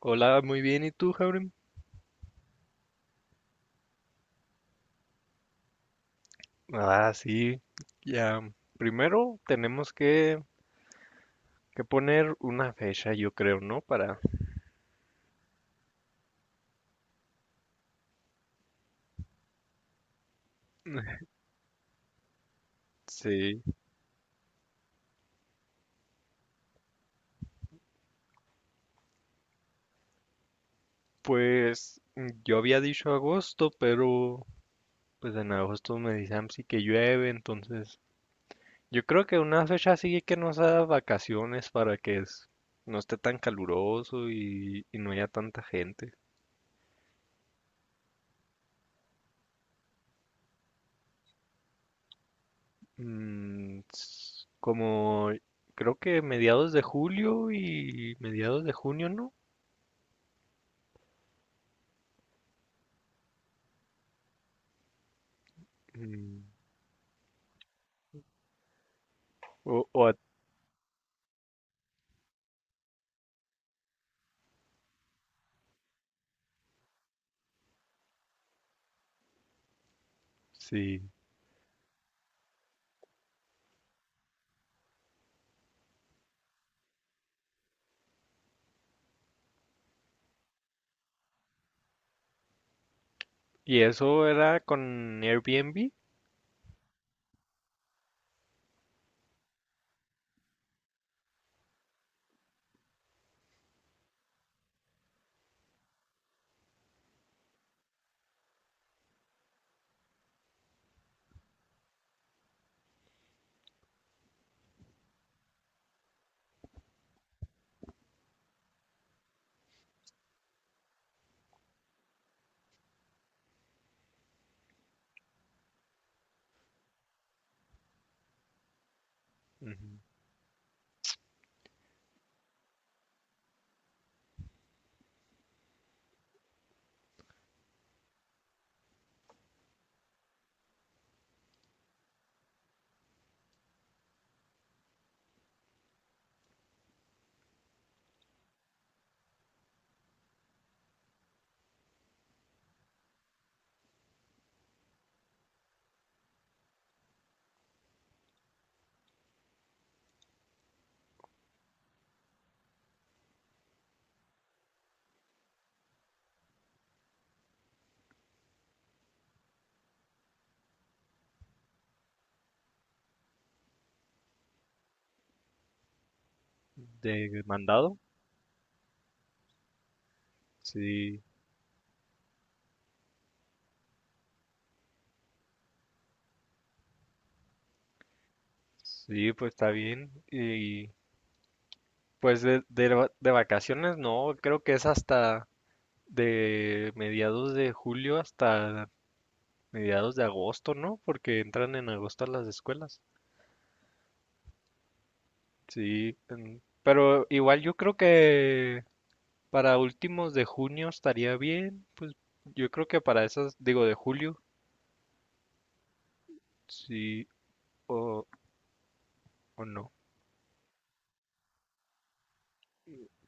Hola, muy bien. ¿Y tú, Jaurim? Ah, sí. Ya. Primero tenemos que poner una fecha, yo creo, ¿no? Para. Sí. Pues yo había dicho agosto, pero pues en agosto me dicen sí que llueve, entonces yo creo que una fecha así que nos da vacaciones para que no esté tan caluroso y no haya tanta gente. Como creo que mediados de julio y mediados de junio, ¿no? Mm, o- o a- sí. ¿Y eso era con Airbnb? Ujú. ¿De mandado? Sí, sí, pues está bien. Y pues de vacaciones no, creo que es hasta de mediados de julio hasta mediados de agosto, ¿no? Porque entran en agosto las escuelas. Sí, pero igual yo creo que para últimos de junio estaría bien, pues yo creo que para esas, digo, de julio. Sí, o, o no.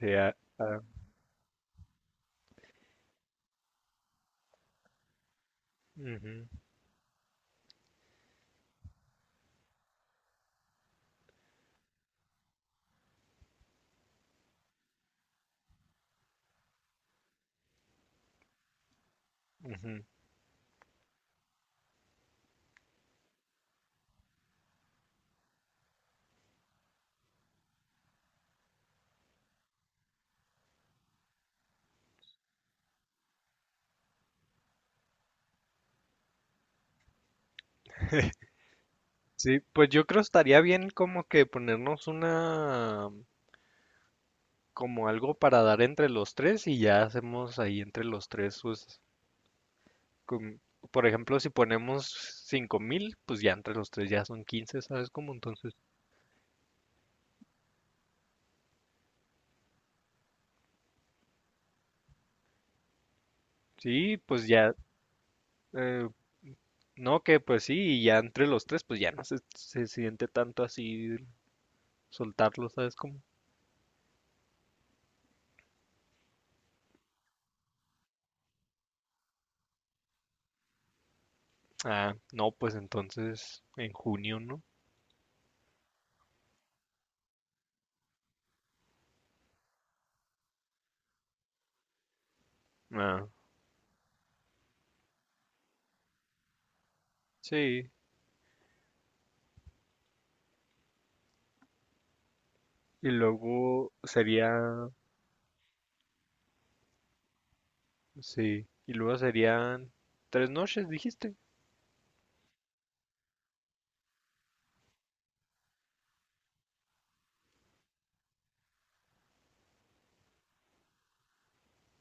sea, ah, Ujú, ujú. Sí, pues yo creo estaría bien como que ponernos una, como algo para dar entre los tres y ya hacemos ahí entre los tres, pues, com- por ejemplo, si ponemos 5,000, pues ya entre los tres ya son 15, ¿sabes cómo? Entonces, sí, pues ya, eh, no, que pues sí, y ya entre los tres, pues ya no se siente tanto así soltarlo, ¿sabes cómo? Ah, no, pues entonces en junio, ¿no? Ah. Sí, y luego sería, sí, y luego serían 3 noches, dijiste.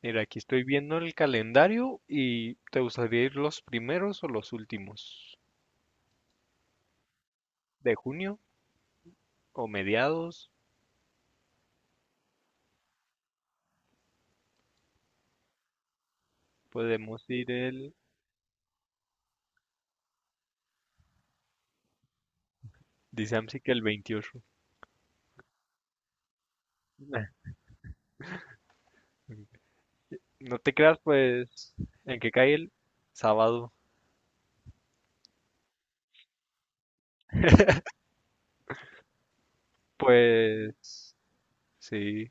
Mira, aquí estoy viendo el calendario, ¿y te gustaría ir los primeros o los últimos de junio, o mediados? Podemos ir dice Amsi que el 28. Nah, no te creas, pues, en que cae el sábado. Pues, sí,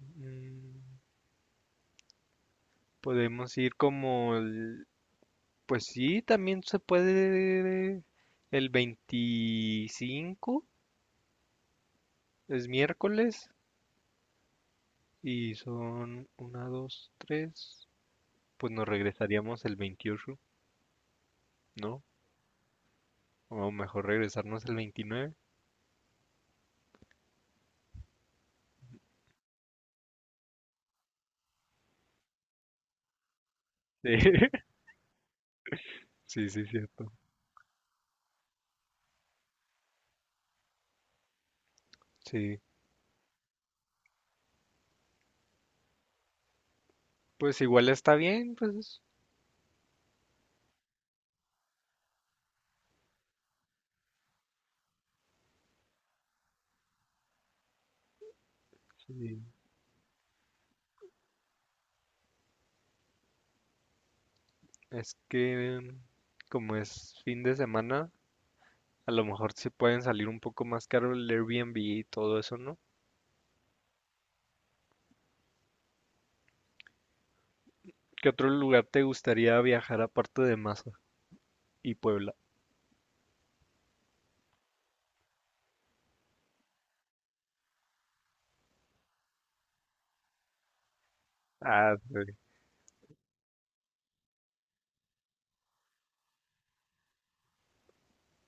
mm, podemos ir como el. Pues sí, también se puede el 25, es miércoles, y son una, dos, tres. Pues nos regresaríamos el 28, ¿no? O mejor regresarnos el 29. Sí, sí, sí, cierto. Sí, pues igual está bien, pues sí. Es que como es fin de semana, a lo mejor se pueden salir un poco más caro el Airbnb y todo eso, ¿no? ¿Qué otro lugar te gustaría viajar aparte de más? Y Puebla. Ah, güey.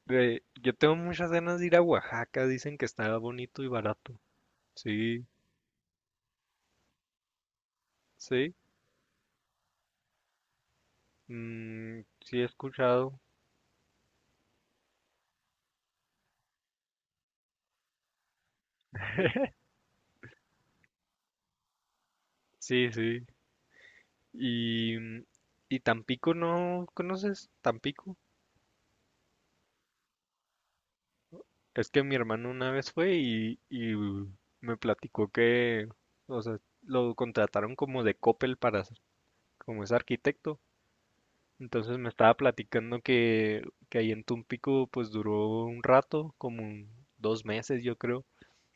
Güey, yo tengo muchas ganas de ir a Oaxaca, dicen que está bonito y barato. Sí, sí, sí he escuchado. Sí, sí. Y, mm, y Tampico, ¿no conoces Tampico? Es que mi hermano una vez fue y me platicó que, o sea, lo contrataron como de Coppel como es arquitecto. Entonces me estaba platicando que ahí en Tumpico pues duró un rato, como 2 meses yo creo,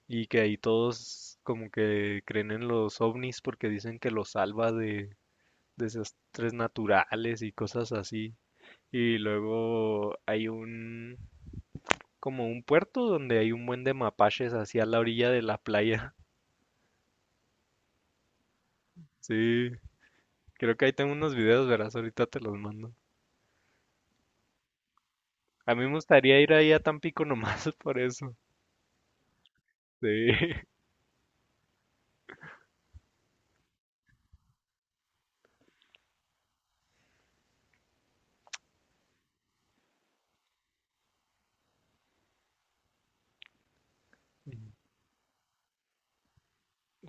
y que ahí todos como que creen en los ovnis porque dicen que los salva de desastres naturales y cosas así. Y luego hay un, como un puerto donde hay un buen de mapaches así a la orilla de la playa. Sí, creo que ahí tengo unos videos, verás, ahorita te los mando. A mí me gustaría ir ahí a Tampico nomás por eso. Sí.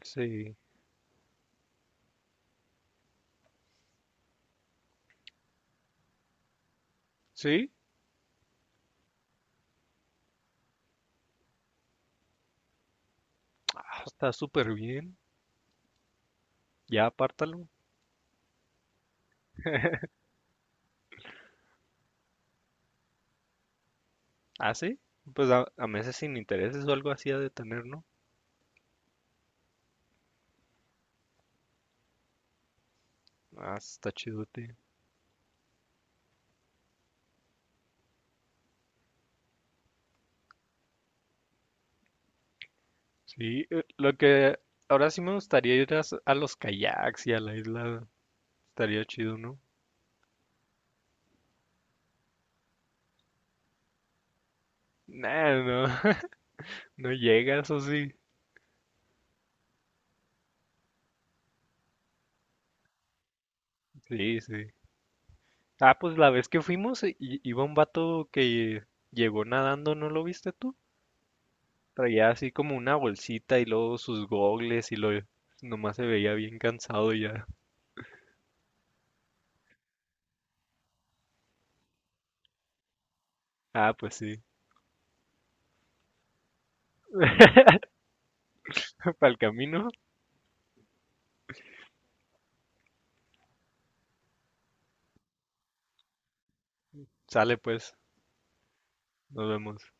Sí. Sí, ah, está súper bien. Ya apártalo. Ah, sí. Pues a meses sin intereses o algo así ha de tener, ¿no? Ah, está chidote. Sí, lo que ahora sí me gustaría ir a los kayaks y a la isla. Estaría chido, ¿no? Nah, no, no llega, eso sí. Sí, sí. Ah, pues la vez que fuimos, iba un vato que llegó nadando, ¿no lo viste tú? Traía así como una bolsita y luego sus gogles y lo nomás se veía bien cansado ya. Ah, pues sí. Para el camino, sale pues. Nos vemos.